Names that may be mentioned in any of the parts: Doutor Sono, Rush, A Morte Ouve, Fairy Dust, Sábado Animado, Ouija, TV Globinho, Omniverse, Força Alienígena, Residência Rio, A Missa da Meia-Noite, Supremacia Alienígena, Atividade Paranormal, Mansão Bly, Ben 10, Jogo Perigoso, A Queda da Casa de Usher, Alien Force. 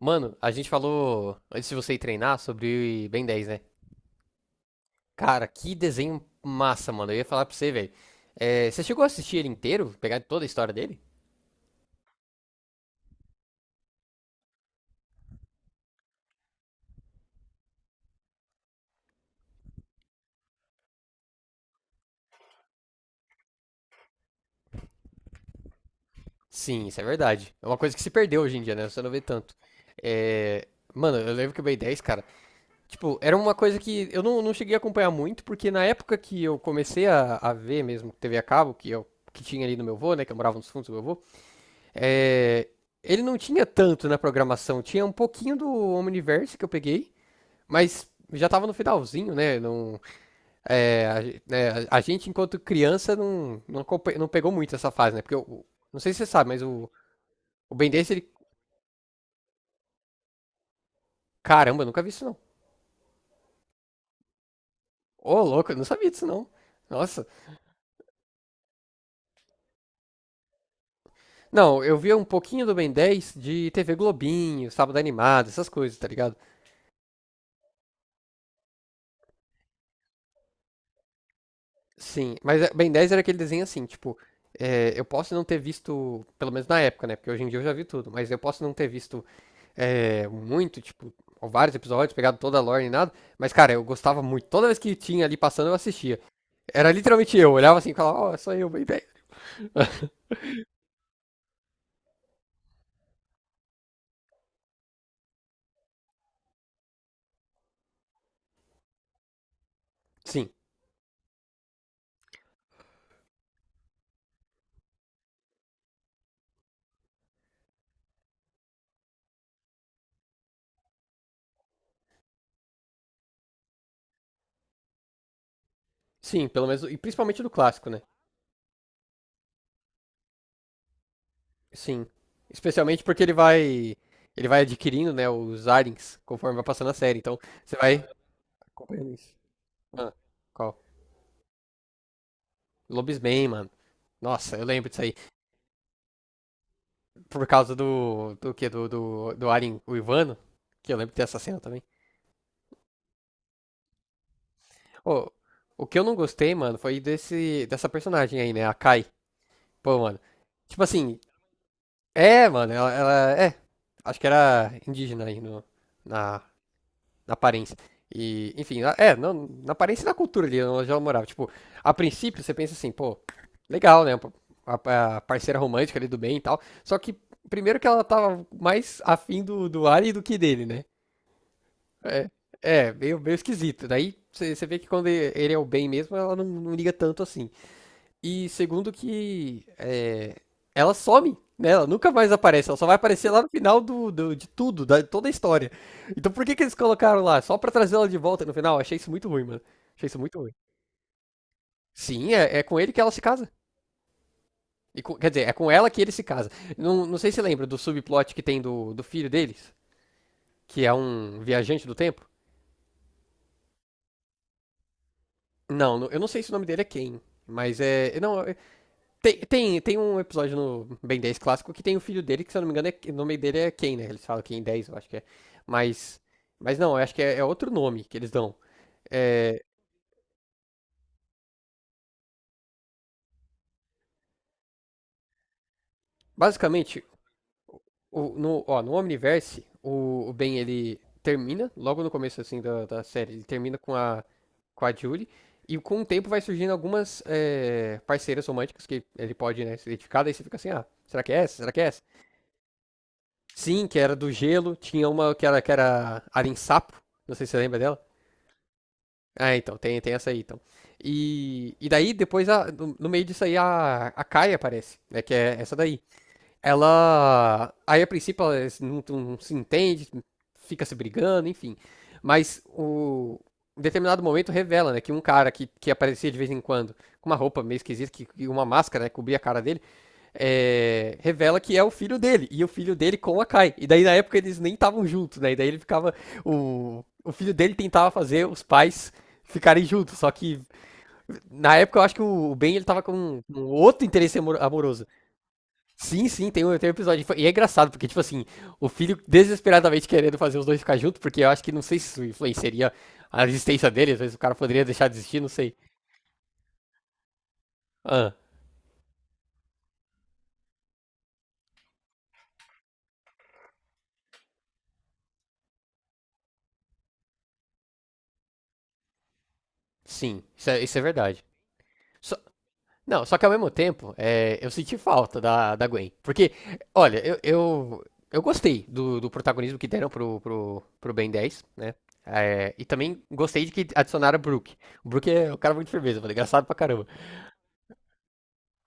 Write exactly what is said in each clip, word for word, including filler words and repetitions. Mano, a gente falou, antes de você ir treinar, sobre Ben dez, né? Cara, que desenho massa, mano. Eu ia falar pra você, velho. É, você chegou a assistir ele inteiro? Pegar toda a história dele? Sim, isso é verdade. É uma coisa que se perdeu hoje em dia, né? Você não vê tanto. É, Mano, eu lembro que o Ben dez, cara, tipo, era uma coisa que eu não, não cheguei a acompanhar muito, porque na época que eu comecei a, a ver mesmo T V a cabo, que eu que tinha ali no meu avô, né, que eu morava nos fundos do meu avô, é, ele não tinha tanto na programação, tinha um pouquinho do Omniverse que eu peguei, mas já tava no finalzinho, né? Não, é, a, ge- né, a- a gente, enquanto criança, não, não, acompanha- não pegou muito essa fase, né? Porque, eu, o- não sei se você sabe, mas o, o Ben dez, ele. Caramba, eu nunca vi isso, não. Ô, louco, eu não sabia disso, não. Nossa. Não, eu via um pouquinho do Ben dez de T V Globinho, Sábado Animado, essas coisas, tá ligado? Sim, mas é, Ben dez era aquele desenho assim, tipo. É, eu posso não ter visto, pelo menos na época, né? Porque hoje em dia eu já vi tudo, mas eu posso não ter visto é, muito, tipo, vários episódios, pegado toda a lore e nada. Mas, cara, eu gostava muito. Toda vez que tinha ali passando, eu assistia. Era literalmente eu. Olhava assim e falava, ó, é só eu, bem, bem. Sim, sim, pelo menos. E principalmente do clássico, né? Sim. Especialmente porque ele vai. Ele vai adquirindo, né, os Arens conforme vai passando a série. Então, você vai. Acompanhando isso. Ah, qual? Lobisman, mano. Nossa, eu lembro disso aí. Por causa do. Do que? Do, do, do Aren, o Ivano. Que eu lembro dessa cena também. Ô, o que eu não gostei, mano, foi desse, dessa personagem aí, né? A Kai. Pô, mano. Tipo assim, é, mano, ela, ela é. Acho que era indígena aí no, na, na aparência. E, enfim, ela- é, não, na aparência e na cultura ali onde ela morava. Tipo, a princípio você pensa assim, pô, legal, né? A, a parceira romântica ali do bem e tal. Só que, primeiro que ela tava mais afim do, do Ari do que dele, né? É, é meio, meio, esquisito. Daí você você vê que quando ele é o bem mesmo, ela não, não liga tanto assim. E segundo que eh, ela some, né? Ela nunca mais aparece, ela só vai aparecer lá no final do, do- de tudo, da toda a história. Então por que que eles colocaram lá? Só pra trazer ela de volta no final? Achei isso muito ruim, mano. Achei isso muito ruim. Sim, é, é com ele que ela se casa. E com- quer dizer, é com ela que ele se casa. Não, não sei se lembra do subplot que tem do, do filho deles, que é um viajante do tempo. Não, não- eu não sei se o nome dele é Ken, mas é. Não, é- Tem, tem, tem um episódio no Ben dez clássico que tem o filho dele, que se eu não me engano, é, o nome dele é Ken, né? Eles falam Ken dez, eu acho que é. Mas, mas não, eu acho que é, é, outro nome que eles dão. É, Basicamente, o, no, ó, no Omniverse, o, o Ben ele termina, logo no começo assim da, da série, ele termina com a, com a Julie. E com o tempo vai surgindo algumas é, parceiras românticas que ele pode né, se identificar, daí você fica assim, ah, será que é essa? Será que é essa? Sim, que era do gelo, tinha uma que era, que era Arin Sapo, não sei se você lembra dela. Ah, então, tem, tem essa aí, então. E, e daí, depois, a- no, no meio disso aí, a, a Kai aparece, né? Que é essa daí. Ela. Aí, a princípio, ela não, não se entende, fica se brigando, enfim. Mas o. Em determinado momento revela, né, que um cara que, que aparecia de vez em quando, com uma roupa meio esquisita, que, e uma máscara, né, cobria a cara dele, é, revela que é o filho dele, e o filho dele com a Kai. E daí na época eles nem estavam juntos, né? E daí ele ficava. O, o filho dele tentava fazer os pais ficarem juntos, só que na época eu acho que o Ben ele tava com um outro interesse amoroso. Sim, sim, tem um, tem um episódio. E é engraçado, porque, tipo assim, o filho desesperadamente querendo fazer os dois ficar juntos, porque eu acho que não sei se isso influenciaria a existência dele, às vezes o cara poderia deixar de existir, não sei. Ah, sim, isso é, isso é verdade. Só, Não, só que ao mesmo tempo, eh, eu senti falta da, da, Gwen. Porque, olha, eu, eu, eu gostei do, do protagonismo que deram pro, pro, pro Ben dez, né? Eh, e também gostei de que adicionaram o Brook. O Brook é um cara muito firmeza, mano, engraçado pra caramba.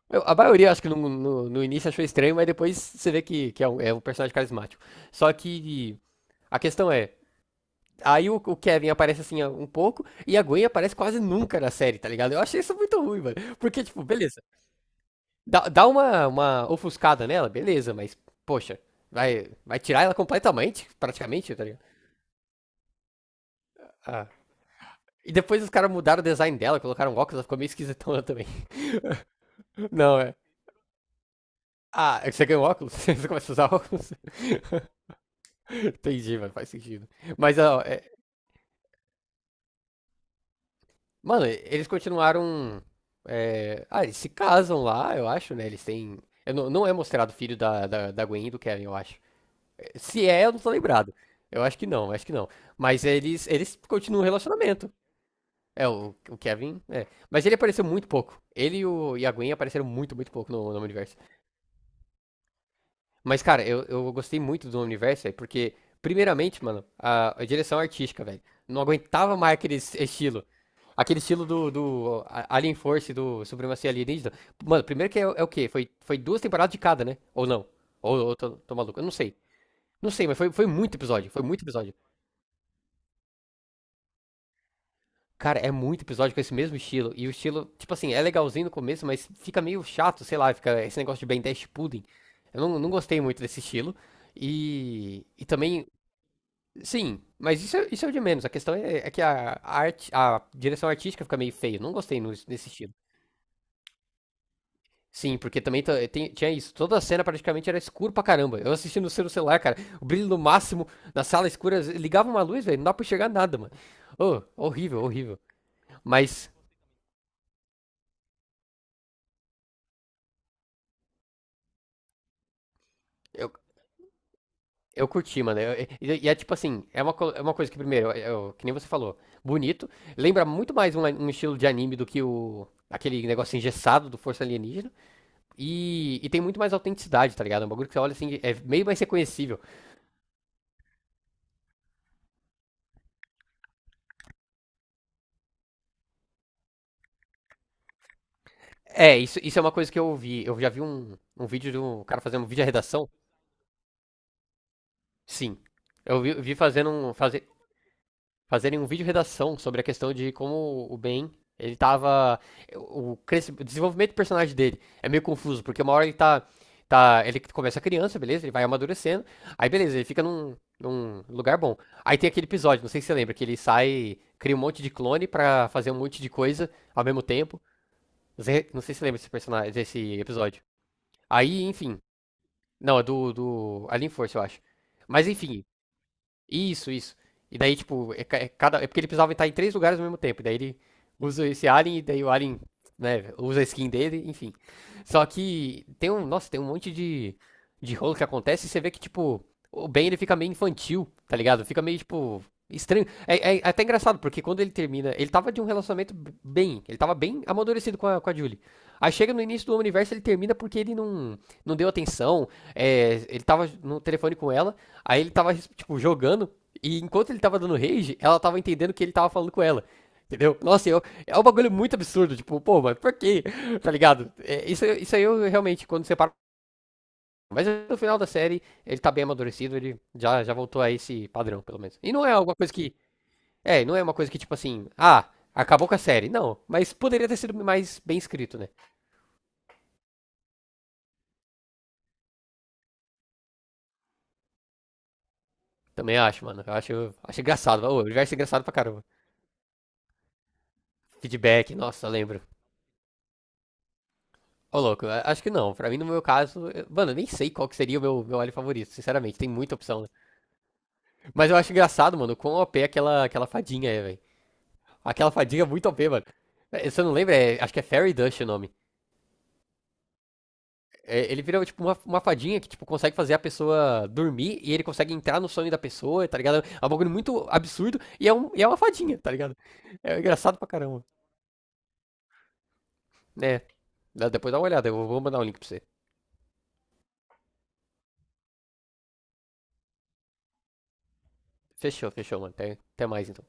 Eu- a maioria, acho que no, no, no início achou estranho, mas depois você vê que, que é, um, é um personagem carismático. Só que a questão é, aí o, o Kevin aparece assim um pouco, e a Gwen aparece quase nunca na série, tá ligado? Eu achei isso muito ruim, mano. Porque, tipo, beleza. Dá, dá uma, uma ofuscada nela, beleza, mas, poxa, vai, vai tirar ela completamente, praticamente, tá ligado? Ah. E depois os caras mudaram o design dela, colocaram um óculos, ela ficou meio esquisitona também. Não, é. Ah, você ganha um óculos? Você começa a usar óculos? Entendi, mano, faz sentido. Mas, ó, é, mano, eles continuaram. é, Ah, eles se casam lá, eu acho, né? Eles têm. Eu não, não é mostrado o filho da, da, da Gwen e do Kevin, eu acho. Se é, eu não tô lembrado. Eu acho que não, eu acho que não. Mas eles, eles continuam o relacionamento. É, o, o Kevin. É. Mas ele apareceu muito pouco. Ele e, o, e a Gwen apareceram muito, muito pouco no, no universo. Mas, cara, eu, eu gostei muito do universo, velho, porque, primeiramente, mano, a, a direção artística, velho. Não aguentava mais aquele es- estilo. Aquele estilo do, do a- Alien Force, do Supremacia Alienígena. Mano, primeiro que é, é o quê? Foi, foi duas temporadas de cada, né? Ou não? Ou, ou tô, tô maluco? Eu não sei. Não sei, mas foi, foi muito episódio. Foi muito episódio. Cara, é muito episódio com esse mesmo estilo. E o estilo, tipo assim, é legalzinho no começo, mas fica meio chato, sei lá, fica esse negócio de Ben dez pudding. Eu não, não gostei muito desse estilo. E, e também, sim, mas isso, é- isso é o de menos. A questão é, é que a arte, a direção artística fica meio feia. Eu não gostei no- nesse estilo. Sim, porque também t- tem- tinha isso. Toda a cena praticamente era escuro pra caramba. Eu assisti no celu- celular, cara. O brilho no máximo, na sala escura, ligava uma luz, velho. Não dá pra enxergar nada, mano. Ô, horrível, horrível. Mas eu, Eu curti, mano. Eu- e, e é tipo assim, é uma, co- é uma coisa que, primeiro, eu- eu- que nem você falou, bonito. Lembra muito mais um, a- um estilo de anime do que o aquele negócio engessado do Força Alienígena. E, e tem muito mais autenticidade, tá ligado? É um bagulho que você olha assim, é meio mais reconhecível. É, isso, isso é uma coisa que eu vi. Eu já vi um, um, vídeo de um cara fazendo um vídeo de redação. Sim. Eu vi, vi fazendo um. Fazer, fazerem um vídeo redação sobre a questão de como o Ben, ele tava. O, cresci- o desenvolvimento do personagem dele é meio confuso, porque uma hora ele tá. Tá ele começa criança, beleza? Ele vai amadurecendo. Aí, beleza, ele fica num, num lugar bom. Aí tem aquele episódio, não sei se você lembra, que ele sai, cria um monte de clone pra fazer um monte de coisa ao mesmo tempo. Zé- Não sei se você lembra desse personagem, desse episódio. Aí, enfim. Não, é do, do Alien Force, eu acho. Mas enfim, isso, isso. E daí, tipo, é, ca- é cada, é porque ele precisava estar em três lugares ao mesmo tempo. E daí ele usa esse alien, e daí o alien, né, usa a skin dele, enfim. Só que tem um, nossa, tem um monte de, de rolo que acontece e você vê que, tipo, o Ben ele fica meio infantil, tá ligado? Fica meio, tipo, estranho. É, é é até engraçado, porque quando ele termina, ele tava de um relacionamento b- bem, ele tava bem amadurecido com a, com a, Julie. Aí chega no início do universo, ele termina porque ele não, não deu atenção, é, ele tava no telefone com ela. Aí ele tava, tipo, jogando, e enquanto ele tava dando rage, ela tava entendendo que ele tava falando com ela. Entendeu? Nossa, eu, é um bagulho muito absurdo. Tipo, pô, mas por quê? Tá ligado? É, isso, isso aí eu realmente, quando separo. Mas no final da série, ele tá bem amadurecido, ele já, já voltou a esse padrão, pelo menos. E não é alguma coisa que. É, não é uma coisa que, tipo assim, ah, acabou com a série. Não, mas poderia ter sido mais bem escrito, né? Também acho, mano. Eu acho, acho engraçado. O universo é engraçado pra caramba. Feedback, nossa, lembro. Ô, louco, a- acho que não. Pra mim, no meu caso, eu- mano, eu nem sei qual que seria o meu, meu alho favorito, sinceramente. Tem muita opção, né? Mas eu acho engraçado, mano, quão O P aquela, aquela, fadinha é, velho. Aquela fadinha é muito O P, mano. É, você não lembra? É- acho que é Fairy Dust o nome. É, ele vira, tipo, uma, uma fadinha que, tipo, consegue fazer a pessoa dormir e ele consegue entrar no sonho da pessoa, tá ligado? É um bagulho muito absurdo e é, um, e é uma fadinha, tá ligado? É engraçado pra caramba. É, dá- depois dá uma olhada, eu vou vou mandar um link pra você. Fechou, fechou, mano. Até, até mais, então.